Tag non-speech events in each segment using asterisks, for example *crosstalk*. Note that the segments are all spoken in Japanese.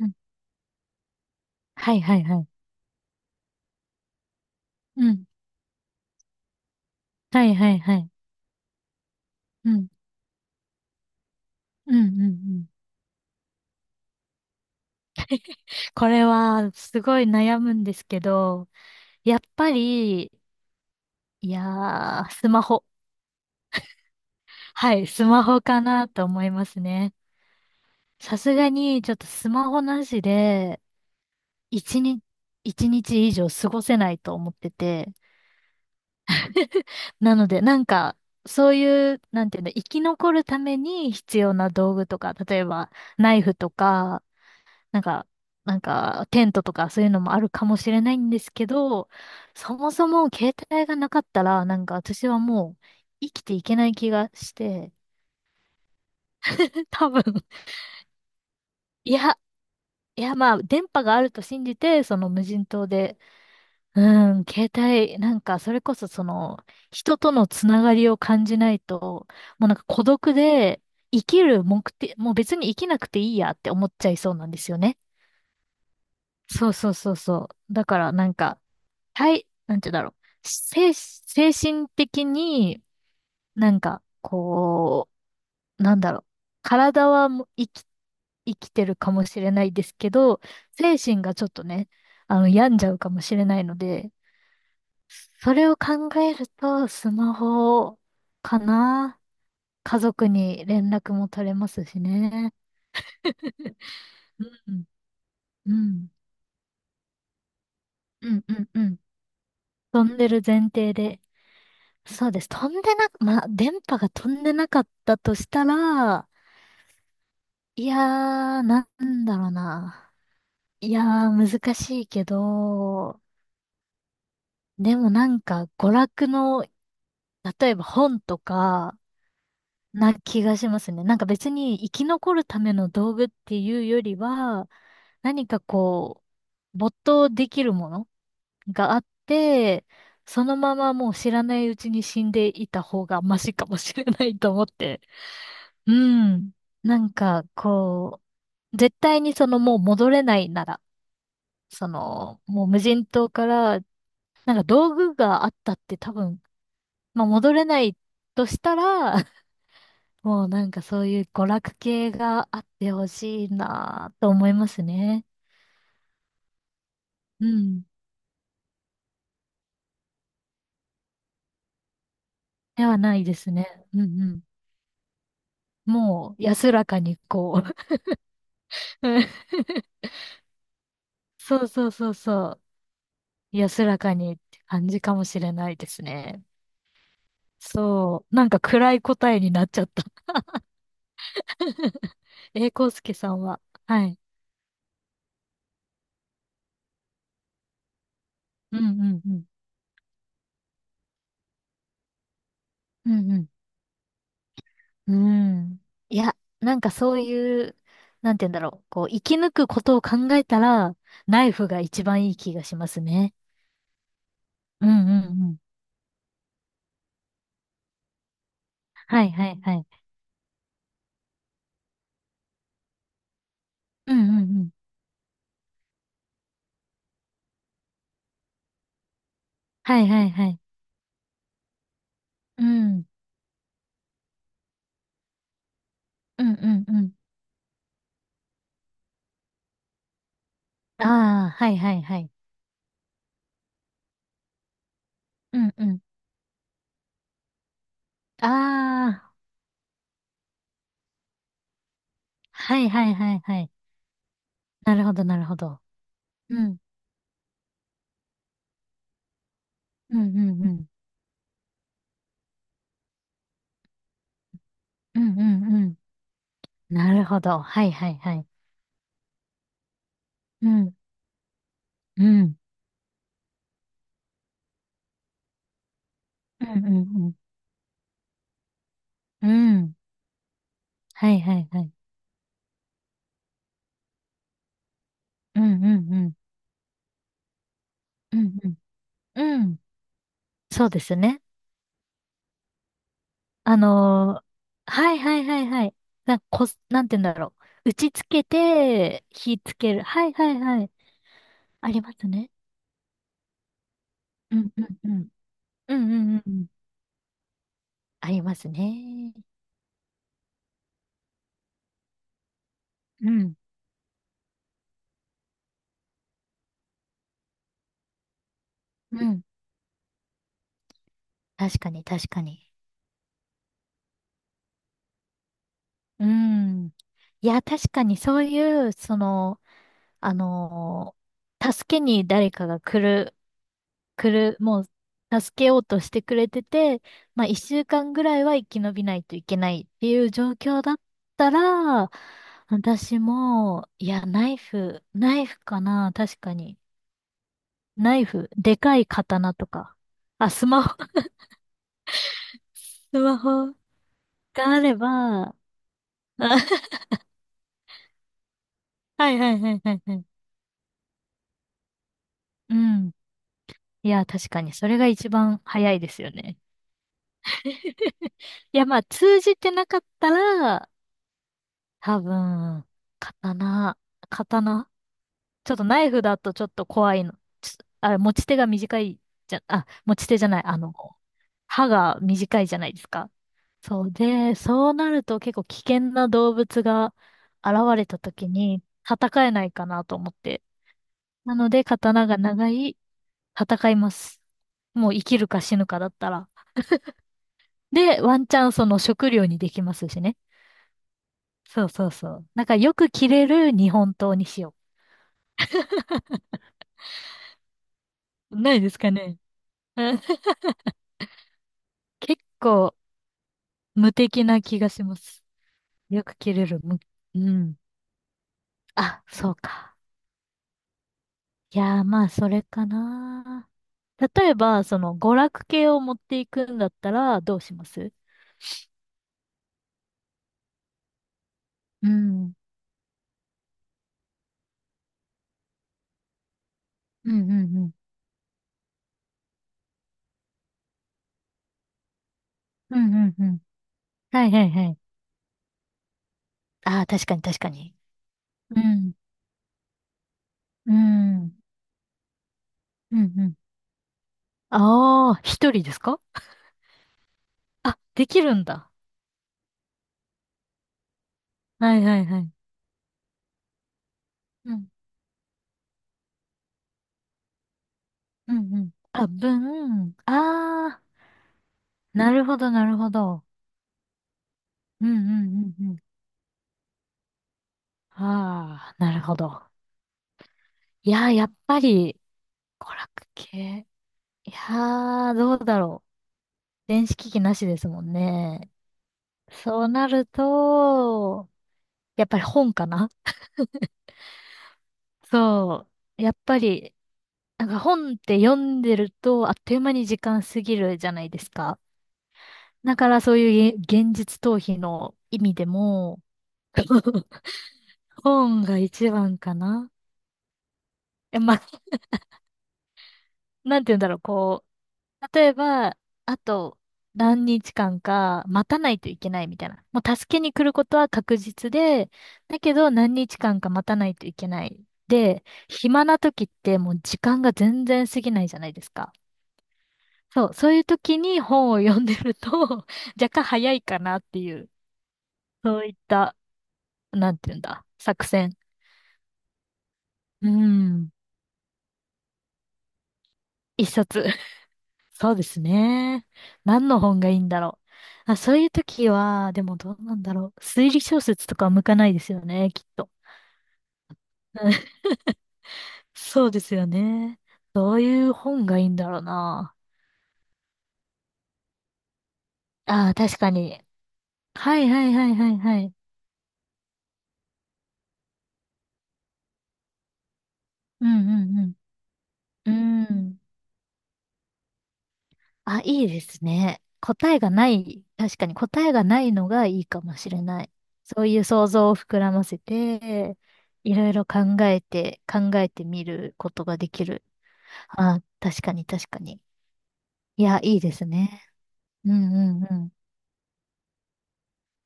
うん、はいはいはい。うん。はいはいはい。うん。うんうんうん。これはすごい悩むんですけど、やっぱり、いやー、スマホ。はい、スマホかなと思いますね。さすがにちょっとスマホなしで、一日、一日以上過ごせないと思ってて。*laughs* なので、なんか、そういう、なんていうの、生き残るために必要な道具とか、例えば、ナイフとか、なんか、なんか、テントとかそういうのもあるかもしれないんですけど、そもそも携帯がなかったら、なんか私はもう生きていけない気がして、*laughs* 多分。いや、いやまあ、電波があると信じて、その無人島で、うん、携帯、なんか、それこそその、人とのつながりを感じないと、もうなんか孤独で、生きる目的、もう別に生きなくていいやって思っちゃいそうなんですよね。そうそうそうそう。だからなんか、はい、なんて言うんだろう。精神的になんか、こう、なんだろう。体はもう生きてるかもしれないですけど、精神がちょっとね、病んじゃうかもしれないので、それを考えると、スマホかな。家族に連絡も取れますしね。うん、うん、うん、うん、うん。飛んでる前提で。そうです。飛んでな、まあ、電波が飛んでなかったとしたら、いやー、なんだろうな。いやー、難しいけど、でもなんか、娯楽の、例えば本とか、な気がしますね。なんか別に生き残るための道具っていうよりは、何かこう、没頭できるものがあって、そのままもう知らないうちに死んでいた方がマシかもしれないと思って。うん。なんか、こう、絶対にそのもう戻れないなら、その、もう無人島から、なんか道具があったって多分、まあ戻れないとしたら、*laughs* もうなんかそういう娯楽系があってほしいなと思いますね。うん。ではないですね。うんうん。もう安らかにこう。*laughs* そうそうそうそう。安らかにって感じかもしれないですね。そう。なんか暗い答えになっちゃった。*laughs* 康介さんは？はい。うんうんうん。うんうん。うん。いや、なんかそういう、なんて言うんだろう。こう、生き抜くことを考えたら、ナイフが一番いい気がしますね。うんうんうん。はいはいはい。うんうんうん。はいはいはい。うん。うんうんうん。ああ、はいはいはい。うんうん。ああ、はいはいはいはい。なるほどなるほど。うん。うんうんうん。うんうんうん。なるほど。はいはいはい。うん。うん。うんうんうん。うん。はいはいはい。うんうんうん。うんうん。うん。そうですね。あのーはいはいはいはい。なんかこす、なんて言うんだろう。打ちつけて、火つける。はいはいはい。ありますね。うんうんうん。うんうんうんうん。ありますね。うん。うん。確かに確かに。うん。いや、確かにそういう、その、あのー助けに誰かが来る、もう助けようとしてくれてて、まあ一週間ぐらいは生き延びないといけないっていう状況だったら、私も、いや、ナイフ、ナイフかな、確かに。ナイフ、でかい刀とか。あ、スマホ、*laughs* スマホがあれば、あ *laughs* はいはいはいはいはい。うん。いや、確かに、それが一番早いですよね。いや、まあ、通じてなかったら、多分、刀、刀、ちょっとナイフだとちょっと怖いの。ちょあれ、持ち手が短いじゃ、あ、持ち手じゃない、あの、歯が短いじゃないですか。そうで、そうなると結構危険な動物が現れた時に戦えないかなと思って。なので、刀が長い、戦います。もう生きるか死ぬかだったら。で、ワンチャンその食料にできますしね。そうそうそう。なんかよく切れる日本刀にしよう。ないですかね。*laughs* 結構無敵な気がします。よく切れる。むうん。あ、そうか。いやー、まあ、それかな。例えば、その、娯楽系を持っていくんだったら、どうします？うん。うんうんうん。うんうんうん。はいはいはい。ああ、確かに確かに。うん。うん。うんうん。ああ、一人ですか？あ、できるんだ。はいはいはい。うん。うんうん。あ、分。ああ、なるほどなるほど。うんうんうんうん。ああ、なるほど。いやー、やっぱり、娯楽系。いやー、どうだろう。電子機器なしですもんね。そうなると、やっぱり本かな？そう。やっぱり、なんか本って読んでると、あっという間に時間過ぎるじゃないですか。だからそういうげ現実逃避の意味でも、本が一番かな。え、まあ、なんて言うんだろう、こう、例えば、あと何日間か待たないといけないみたいな。もう助けに来ることは確実で、だけど何日間か待たないといけない。で、暇な時ってもう時間が全然過ぎないじゃないですか。そう、そういう時に本を読んでると *laughs* 若干早いかなっていう、そういった、なんていうんだ、作戦。うん、一冊。そうですね。何の本がいいんだろう。あ、そういう時は、でもどうなんだろう。推理小説とかは向かないですよね、きっと。*laughs* うん、そうですよね。どういう本がいいんだろうな。ああ、確かに。はいはいはいはいはい。うんうんうん。うん。あ、いいですね。答えがない、確かに答えがないのがいいかもしれない。そういう想像を膨らませて、いろいろ考えて、考えてみることができる。あ、確かに確かに。いや、いいですね。うんうんうん。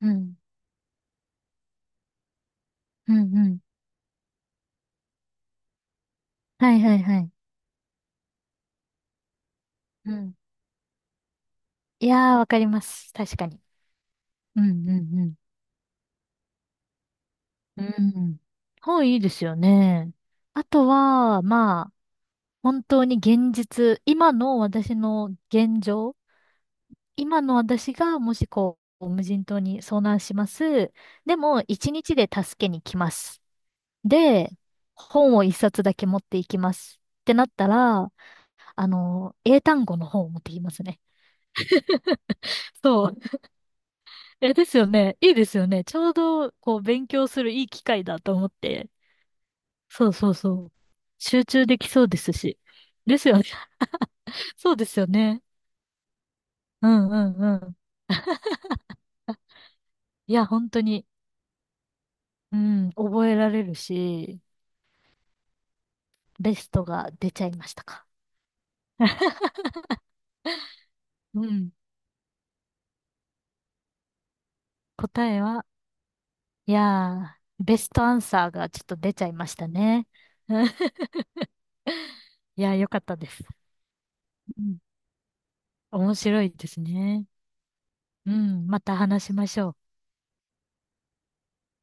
うん。うんうん。はいはいはい。うん。いやー、わかります。確かに。うんうんうん。うん。本いいですよね。あとは、まあ、本当に現実、今の私の現状、今の私がもしこう、無人島に遭難します。でも、一日で助けに来ます。で、本を一冊だけ持っていきます。ってなったら、英単語の本を持ってきますね。そう。え、ですよね。いいですよね。ちょうど、こう、勉強するいい機会だと思って。そうそうそう。集中できそうですし。ですよね。*laughs* そうですよね。うんうんうん。あいや、本当に。うん、覚えられるし、ベストが出ちゃいましたか。*laughs* うん、答えは、いやー、ベストアンサーがちょっと出ちゃいましたね。*laughs* いやー、よかったです。うん、面白いですね。うん、また話しましょう。